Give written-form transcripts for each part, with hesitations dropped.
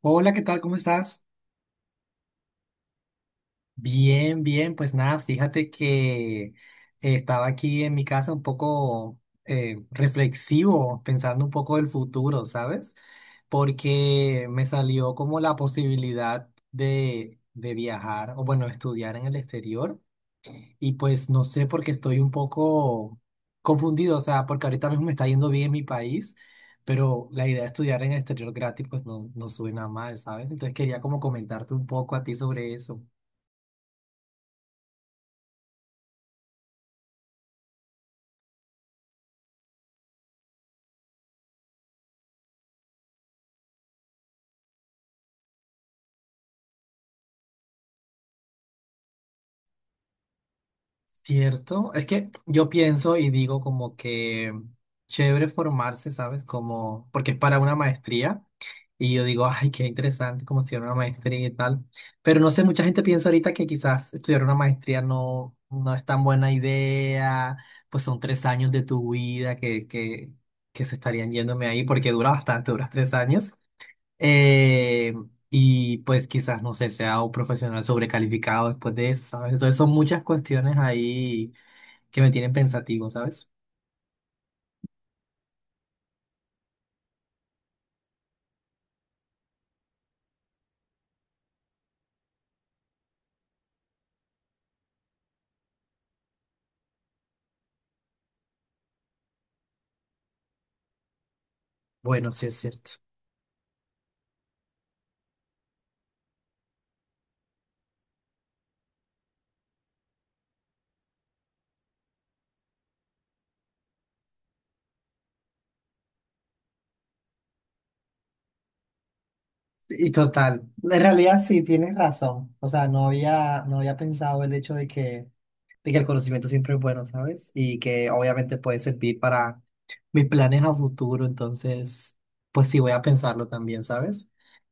Hola, ¿qué tal? ¿Cómo estás? Bien, bien, pues nada, fíjate que estaba aquí en mi casa un poco reflexivo, pensando un poco del futuro, ¿sabes? Porque me salió como la posibilidad de viajar o bueno, estudiar en el exterior y pues no sé porque estoy un poco confundido, o sea, porque ahorita mismo me está yendo bien en mi país, pero la idea de estudiar en el exterior gratis pues no, no suena mal, ¿sabes? Entonces quería como comentarte un poco a ti sobre eso. Cierto, es que yo pienso y digo como que chévere formarse, ¿sabes? Como, porque es para una maestría y yo digo, ay, qué interesante como estudiar una maestría y tal, pero no sé, mucha gente piensa ahorita que quizás estudiar una maestría no, no es tan buena idea, pues son 3 años de tu vida que, se estarían yéndome ahí porque dura bastante, duras 3 años. Eh, y pues quizás, no sé, sea un profesional sobrecalificado después de eso, ¿sabes? Entonces son muchas cuestiones ahí que me tienen pensativo, ¿sabes? Bueno, sí es cierto. Y total, en realidad sí tienes razón. O sea, no había pensado el hecho de que el conocimiento siempre es bueno, ¿sabes? Y que obviamente puede servir para mis planes a futuro. Entonces, pues sí, voy a pensarlo también, ¿sabes?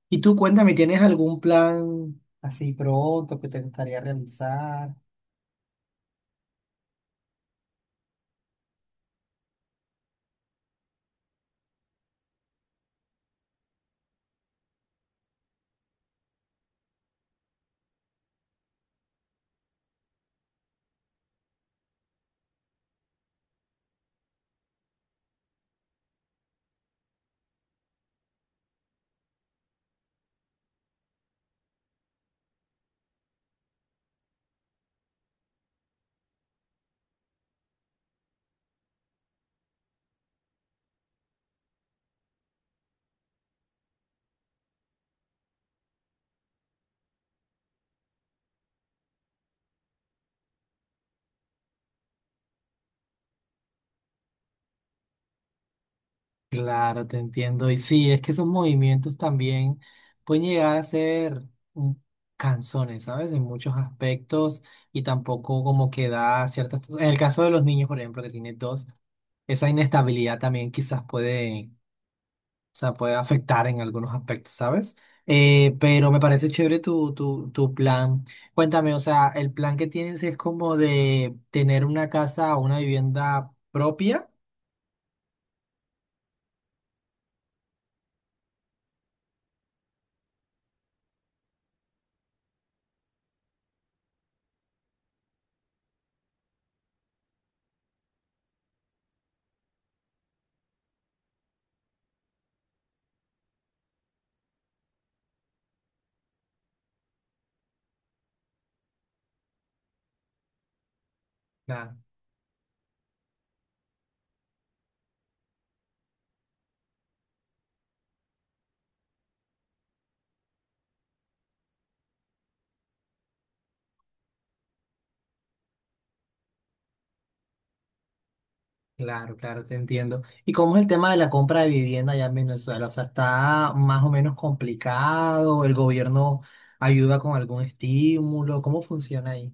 Y tú cuéntame, ¿tienes algún plan así pronto que te gustaría realizar? Claro, te entiendo. Y sí, es que esos movimientos también pueden llegar a ser un- canzones, ¿sabes? En muchos aspectos y tampoco como que da ciertas. En el caso de los niños, por ejemplo, que tiene dos, esa inestabilidad también quizás puede, o sea, puede afectar en algunos aspectos, ¿sabes? Pero me parece chévere tu plan. Cuéntame, o sea, el plan que tienes es como de tener una casa o una vivienda propia. Claro, claro, te entiendo. ¿Y cómo es el tema de la compra de vivienda allá en Venezuela? O sea, ¿está más o menos complicado? ¿El gobierno ayuda con algún estímulo? ¿Cómo funciona ahí?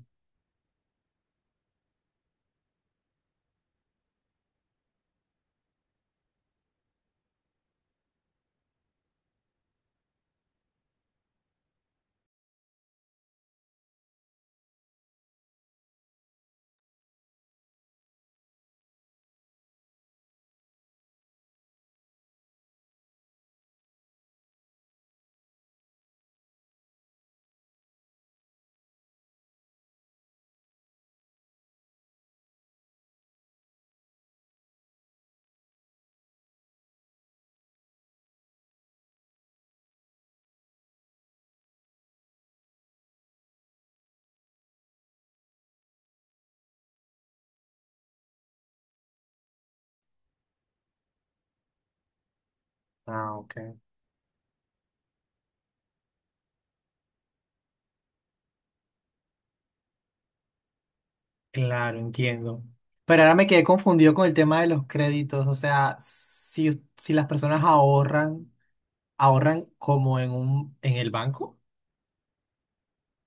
Ah, ok. Claro, entiendo. Pero ahora me quedé confundido con el tema de los créditos. O sea, si las personas ahorran, ¿ahorran como en el banco?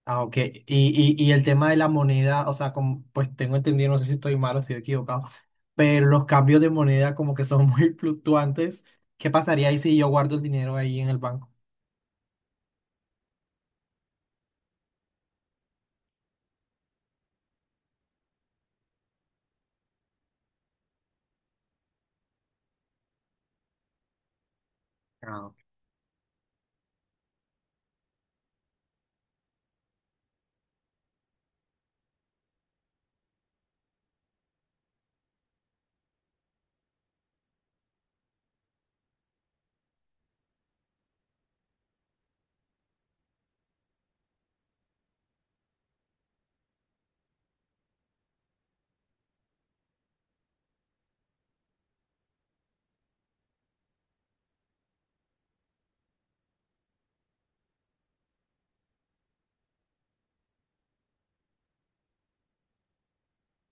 Ah, ok. Y el tema de la moneda, o sea, como, pues tengo entendido, no sé si estoy mal o estoy equivocado, pero los cambios de moneda como que son muy fluctuantes. ¿Qué pasaría ahí si yo guardo el dinero ahí en el banco? Ah, ok.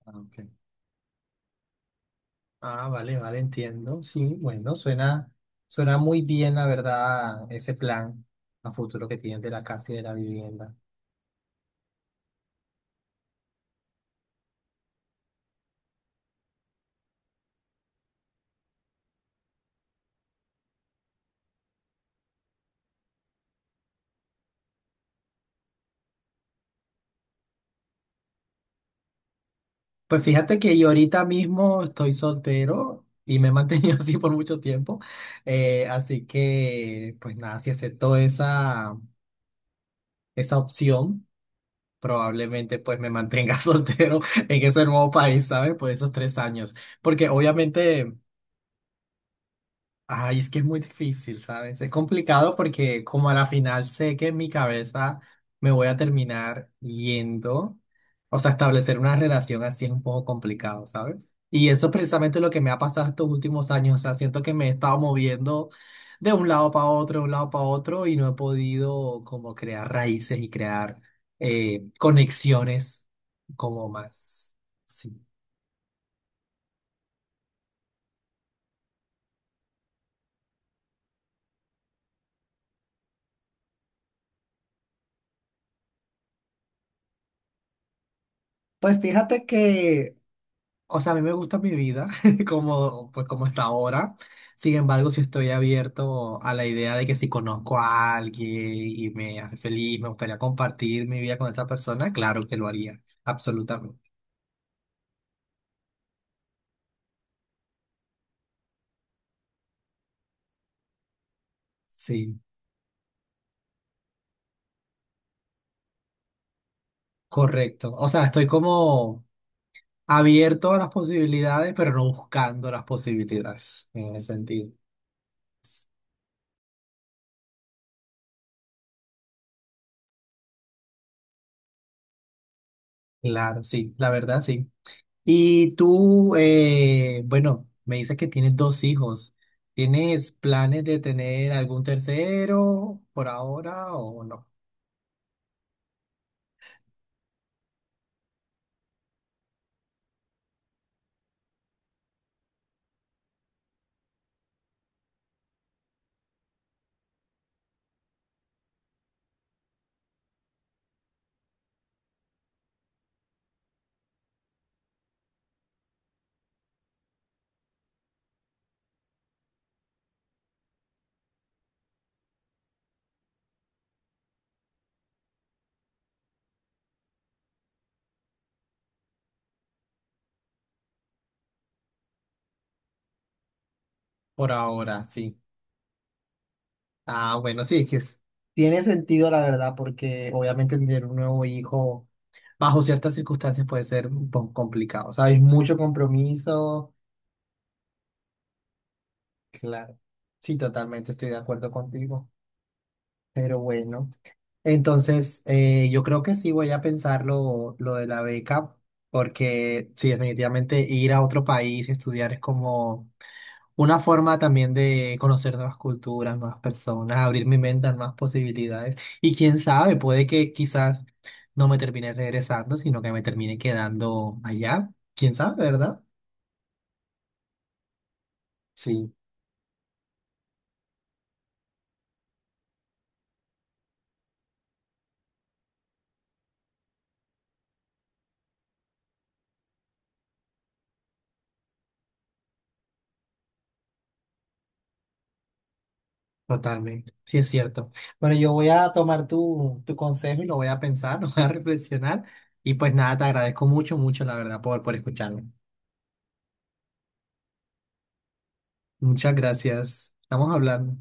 Ah, ok. Ah, vale, vale, entiendo. Sí, bueno, suena, suena muy bien, la verdad, ese plan a futuro que tienen de la casa y de la vivienda. Pues fíjate que yo ahorita mismo estoy soltero y me he mantenido así por mucho tiempo. Así que, pues nada, si acepto esa, opción, probablemente pues me mantenga soltero en ese nuevo país, ¿sabes? Por esos 3 años. Porque obviamente ay, es que es muy difícil, ¿sabes? Es complicado porque como a la final sé que en mi cabeza me voy a terminar yendo, o sea, establecer una relación así es un poco complicado, ¿sabes? Y eso es precisamente lo que me ha pasado estos últimos años, o sea, siento que me he estado moviendo de un lado para otro, de un lado para otro y no he podido como crear raíces y crear conexiones como más, sí. Pues fíjate que o sea, a mí me gusta mi vida como, pues, como está ahora. Sin embargo, si estoy abierto a la idea de que si conozco a alguien y me hace feliz, me gustaría compartir mi vida con esa persona, claro que lo haría. Absolutamente. Sí, correcto. O sea, estoy como abierto a las posibilidades, pero no buscando las posibilidades en ese sentido. Claro, sí, la verdad, sí. Y tú, bueno, me dices que tienes dos hijos. ¿Tienes planes de tener algún tercero por ahora o no? Por ahora, sí. Ah, bueno, sí, que es- tiene sentido la verdad, porque obviamente tener un nuevo hijo bajo ciertas circunstancias puede ser un poco complicado, ¿sabes? Mucho compromiso. Claro. Sí, totalmente estoy de acuerdo contigo. Pero bueno. Entonces, yo creo que sí voy a pensar lo, de la beca, porque sí, definitivamente ir a otro país y estudiar es como una forma también de conocer nuevas culturas, nuevas personas, abrir mi mente a nuevas posibilidades. Y quién sabe, puede que quizás no me termine regresando, sino que me termine quedando allá. ¿Quién sabe, verdad? Sí. Totalmente, sí es cierto. Bueno, yo voy a tomar tu, consejo y lo voy a pensar, lo voy a reflexionar. Y pues nada, te agradezco mucho, mucho, la verdad, por escucharme. Muchas gracias. Estamos hablando.